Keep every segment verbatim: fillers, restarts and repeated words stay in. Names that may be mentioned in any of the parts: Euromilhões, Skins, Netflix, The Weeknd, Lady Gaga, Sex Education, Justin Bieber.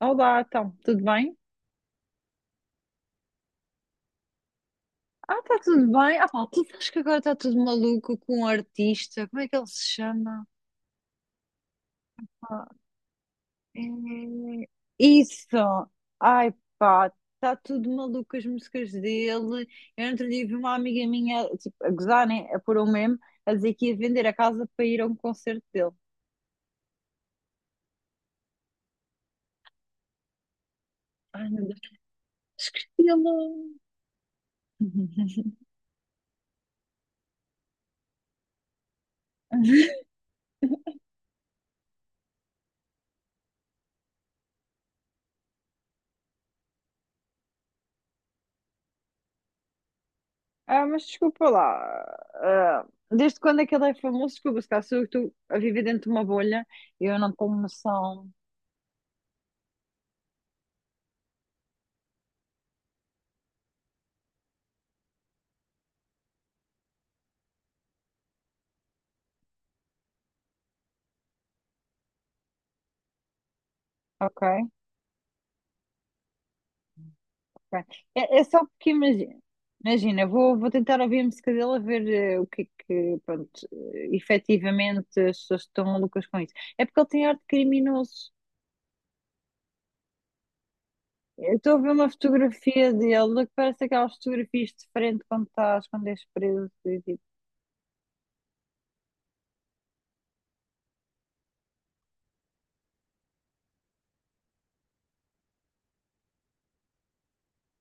Olá, então, tudo bem? Ah, está tudo bem. Ah, pá, tu sabes que agora está tudo maluco com um artista. Como é que ele se chama? Pá, é- Isso! Ai, pá, está tudo maluco as músicas dele. Eu outro dia vi uma amiga minha, tipo, a gozar, né? A pôr um meme, a dizer que ia vender a casa para ir a um concerto dele. Ai, meu Deus, esqueci-lo. Ah, mas desculpa lá. Ah, desde quando é que ele é famoso? Desculpa, se calhar sou eu que estou a viver dentro de uma bolha e eu não tenho noção. Ok? Ok. É, é só porque imagina. Imagina, vou, vou tentar ouvir a música dele a ver, eh, o que é que, pronto, eh, efetivamente as pessoas estão malucas com isso. É porque ele tem arte criminoso. Eu estou a ver uma fotografia dele que parece aquelas fotografias de frente quando estás, quando és preso. E, tipo,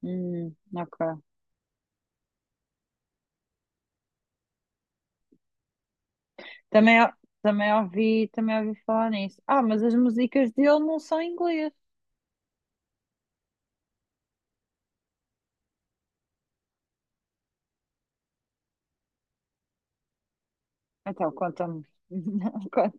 hum, ok. Também, também ouvi, também ouvi falar nisso. Ah, mas as músicas dele não são em inglês. Então, conta-me. Não, conta.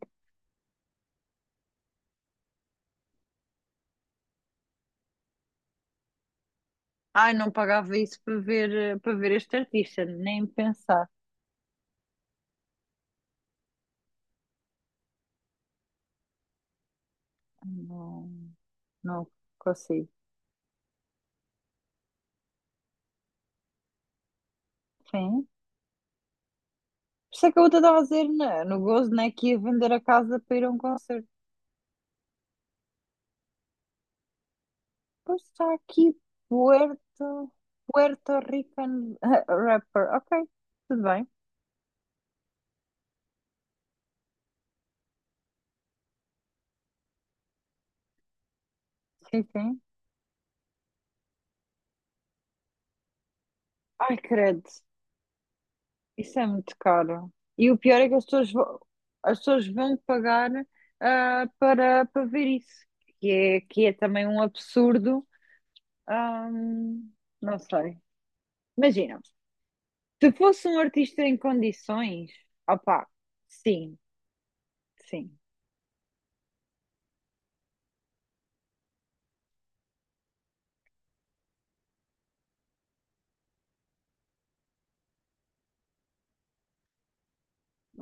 Ai, não pagava isso para ver, eh, para ver este artista, nem pensar. Não, não consigo. Sim. Por isso é que eu estava a dizer, né, no gozo, né, que ia vender a casa para ir a um concerto. Pois está aqui, Puerto, Puerto Rican eh, rapper. Ok, tudo bem. Sim, sim. Ai, credo. Isso é muito caro. E o pior é que as pessoas, vo- as pessoas vão pagar, ah, para, para ver isso, que é, que é também um absurdo. Ahm, não sei. Imagina, se fosse um artista em condições, opá, sim, sim,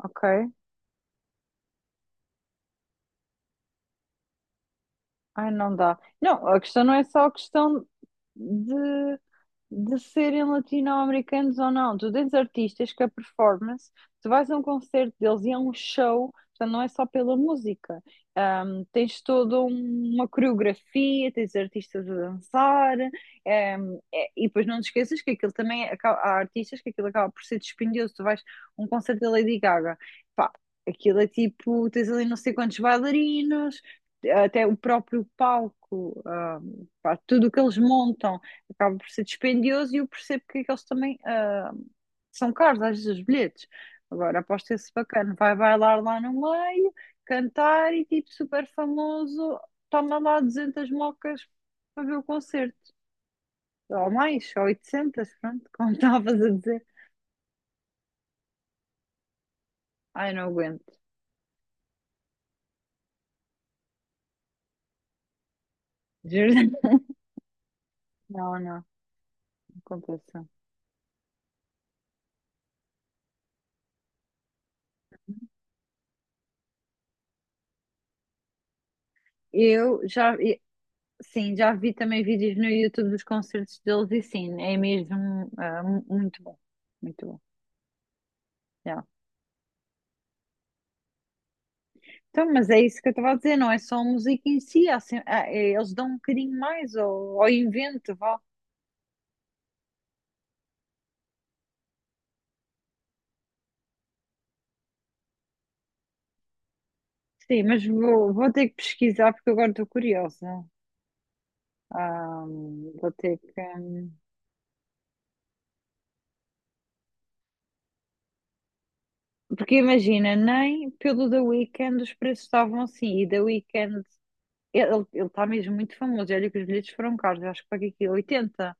ok. Ai, não dá. Não, a questão não é só a questão de. de serem latino-americanos ou não. Tu tens artistas que a performance, tu vais a um concerto deles e é um show, portanto não é só pela música. Ahm, tens toda um- uma coreografia, tens artistas a dançar, ahm, é- e depois não te esqueças que aquilo também, aca- há artistas que aquilo acaba por ser dispendioso. Tu vais a um concerto da Lady Gaga, pá, aquilo é tipo, tens ali não sei quantos bailarinos, até o próprio palco, ahm, pá, tudo o que eles montam acaba por ser dispendioso e eu percebo porque é que eles também, ah, são caros, às vezes, os bilhetes. Agora, aposto esse bacana, vai bailar lá no meio, cantar e tipo super famoso, toma lá duzentas mocas para ver o concerto, ou mais, ou oitocentos, pronto, como estavas a dizer. Ai, não aguento, juro. Não, não, não compensa. Eu já, e- sim, já vi também vídeos no YouTube dos concertos deles e sim, é mesmo, ah, mu- muito bom, muito bom. Então, mas é isso que eu estava a dizer, não é só a música em si, há sem- há- é- eles dão um bocadinho mais ao, ao invento, vá. Sim, mas vou, vou ter que pesquisar porque agora estou curiosa. Ah, vou ter que. Porque imagina, nem pelo The Weeknd os preços estavam assim, e The Weeknd, ele ele está mesmo muito famoso, e olha que os bilhetes foram caros, eu acho que paguei aqui oitenta,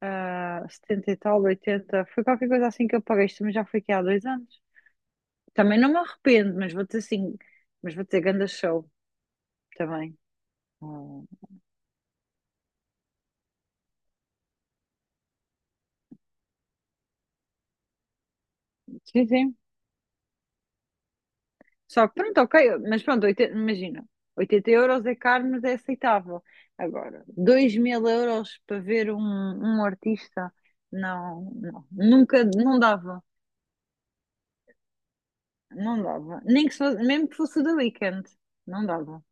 ah, setenta e tal, oitenta, foi qualquer coisa assim que eu paguei, isto também já foi aqui há dois anos. Também não me arrependo, mas vou dizer assim, mas vou dizer ganda show. Também. Hum, sim, sim. Só que pronto, ok, mas pronto, oitenta imagina, oitenta euros é caro, mas é aceitável. Agora, dois mil euros para ver um, um artista, não, não, nunca, não dava, não dava. Nem que se fosse, mesmo que fosse o The Weeknd, não dava.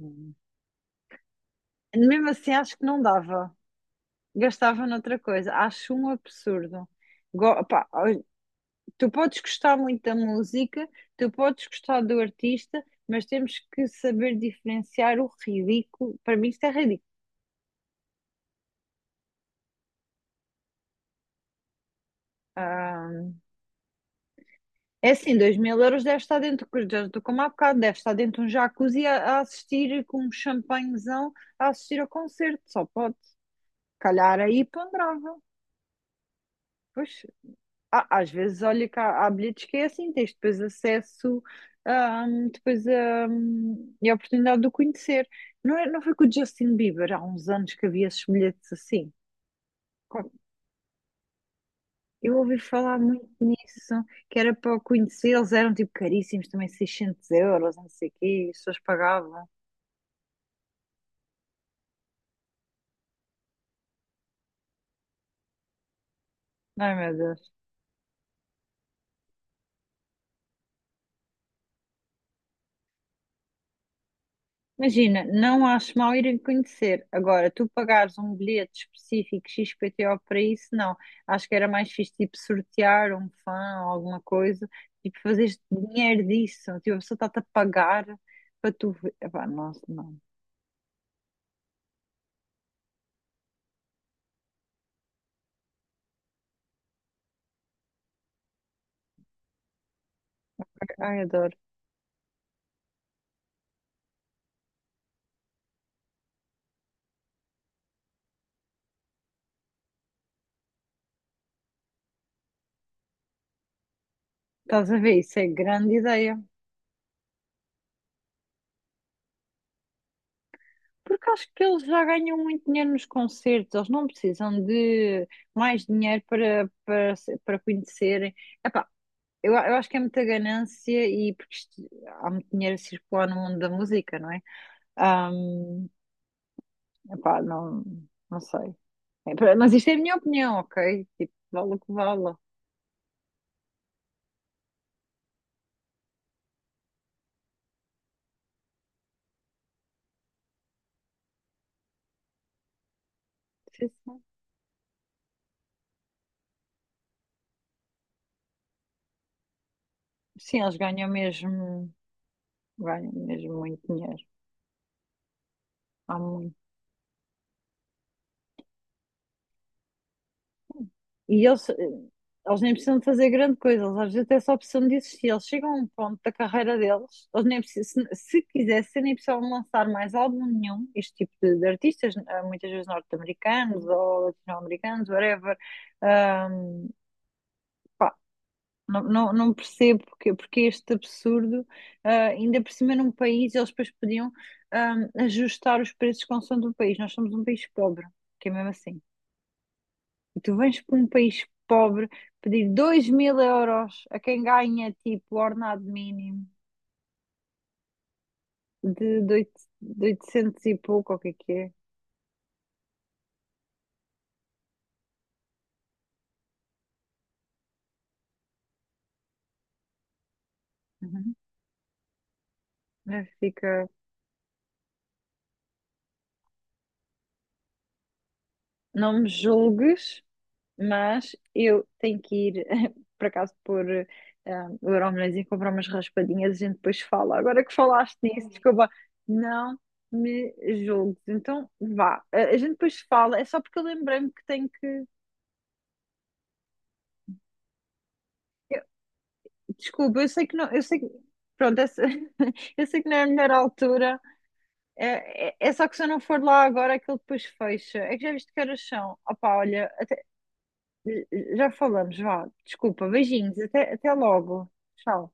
Hum. Mesmo assim, acho que não dava. Gastava noutra coisa, acho um absurdo. Go- pá, tu podes gostar muito da música, tu podes gostar do artista, mas temos que saber diferenciar o ridículo. Para mim, isto é ridículo. Ah, é assim, dois mil euros deve estar dentro, já estou como há bocado, deve estar dentro de um jacuzzi a, a assistir com um champanhezão a assistir ao concerto, só pode. Calhar aí ponderava. Pois. Ah, às vezes, olha que há, há bilhetes que é assim, tens depois acesso, ahm, depois, ahm, e a oportunidade de o conhecer. Não, é, não foi com o Justin Bieber há uns anos que havia esses bilhetes assim? Com- Eu ouvi falar muito nisso, que era para o conhecer, eles eram tipo caríssimos, também seiscentos euros, não sei o quê, e as pessoas pagavam. Ai, meu Deus. Imagina, não acho mal irem conhecer. Agora, tu pagares um bilhete específico X P T O para isso, não. Acho que era mais fixe, tipo, sortear um fã ou alguma coisa, tipo, fazer dinheiro disso. Tipo, a pessoa está-te a pagar para tu ver. Epá, nossa, não. Ai, adoro. Estás a ver? Isso é grande ideia. Porque acho que eles já ganham muito dinheiro nos concertos, eles não precisam de mais dinheiro para, para, se- para conhecerem. Eu, eu acho que é muita ganância e porque isto- há muito dinheiro a circular no mundo da música, não é? Ahm, Epá, não, não sei. É, pra- mas isto é a minha opinião, ok? Tipo, vale o que vale. Sim, sim. Sim, eles ganham mesmo, ganham mesmo muito dinheiro. Há muito. E eles, eh, eles nem precisam de fazer grande coisa, eles às vezes até só precisam de existir. Eles chegam a um ponto da carreira deles, eles nem precisam, se, se quisessem, nem precisavam lançar mais álbum nenhum. Este tipo de, de artistas, eh, muitas vezes norte-americanos ou latino-americanos, whatever. Ahm, Pá, não, não, não percebo porque, porque, este absurdo, ah, ainda por cima num país, eles depois podiam, ahm, ajustar os preços consoante o país. Nós somos um país pobre, que é mesmo assim. E tu vens para um país pobre pedir dois mil euros a quem ganha tipo ordenado mínimo de, de oito- de oitocentos e pouco, ou o que é que é? Uhum. É, fica. Não me julgues, mas eu tenho que ir, por acaso, por eh, o Euromilhões e comprar umas raspadinhas, a gente depois fala. Agora que falaste nisso, desculpa, não me julgues. Então vá, Eh, a gente depois fala, é só porque eu lembrei-me que tenho que. Desculpa, eu sei que não, eu sei que, pronto, essa- eu sei que não é a melhor altura, é, é, é só que se eu não for lá agora, aquilo depois fecha. É que já viste que horas são? Opá, olha, até- já falamos, vá, desculpa, beijinhos, até, até logo, tchau.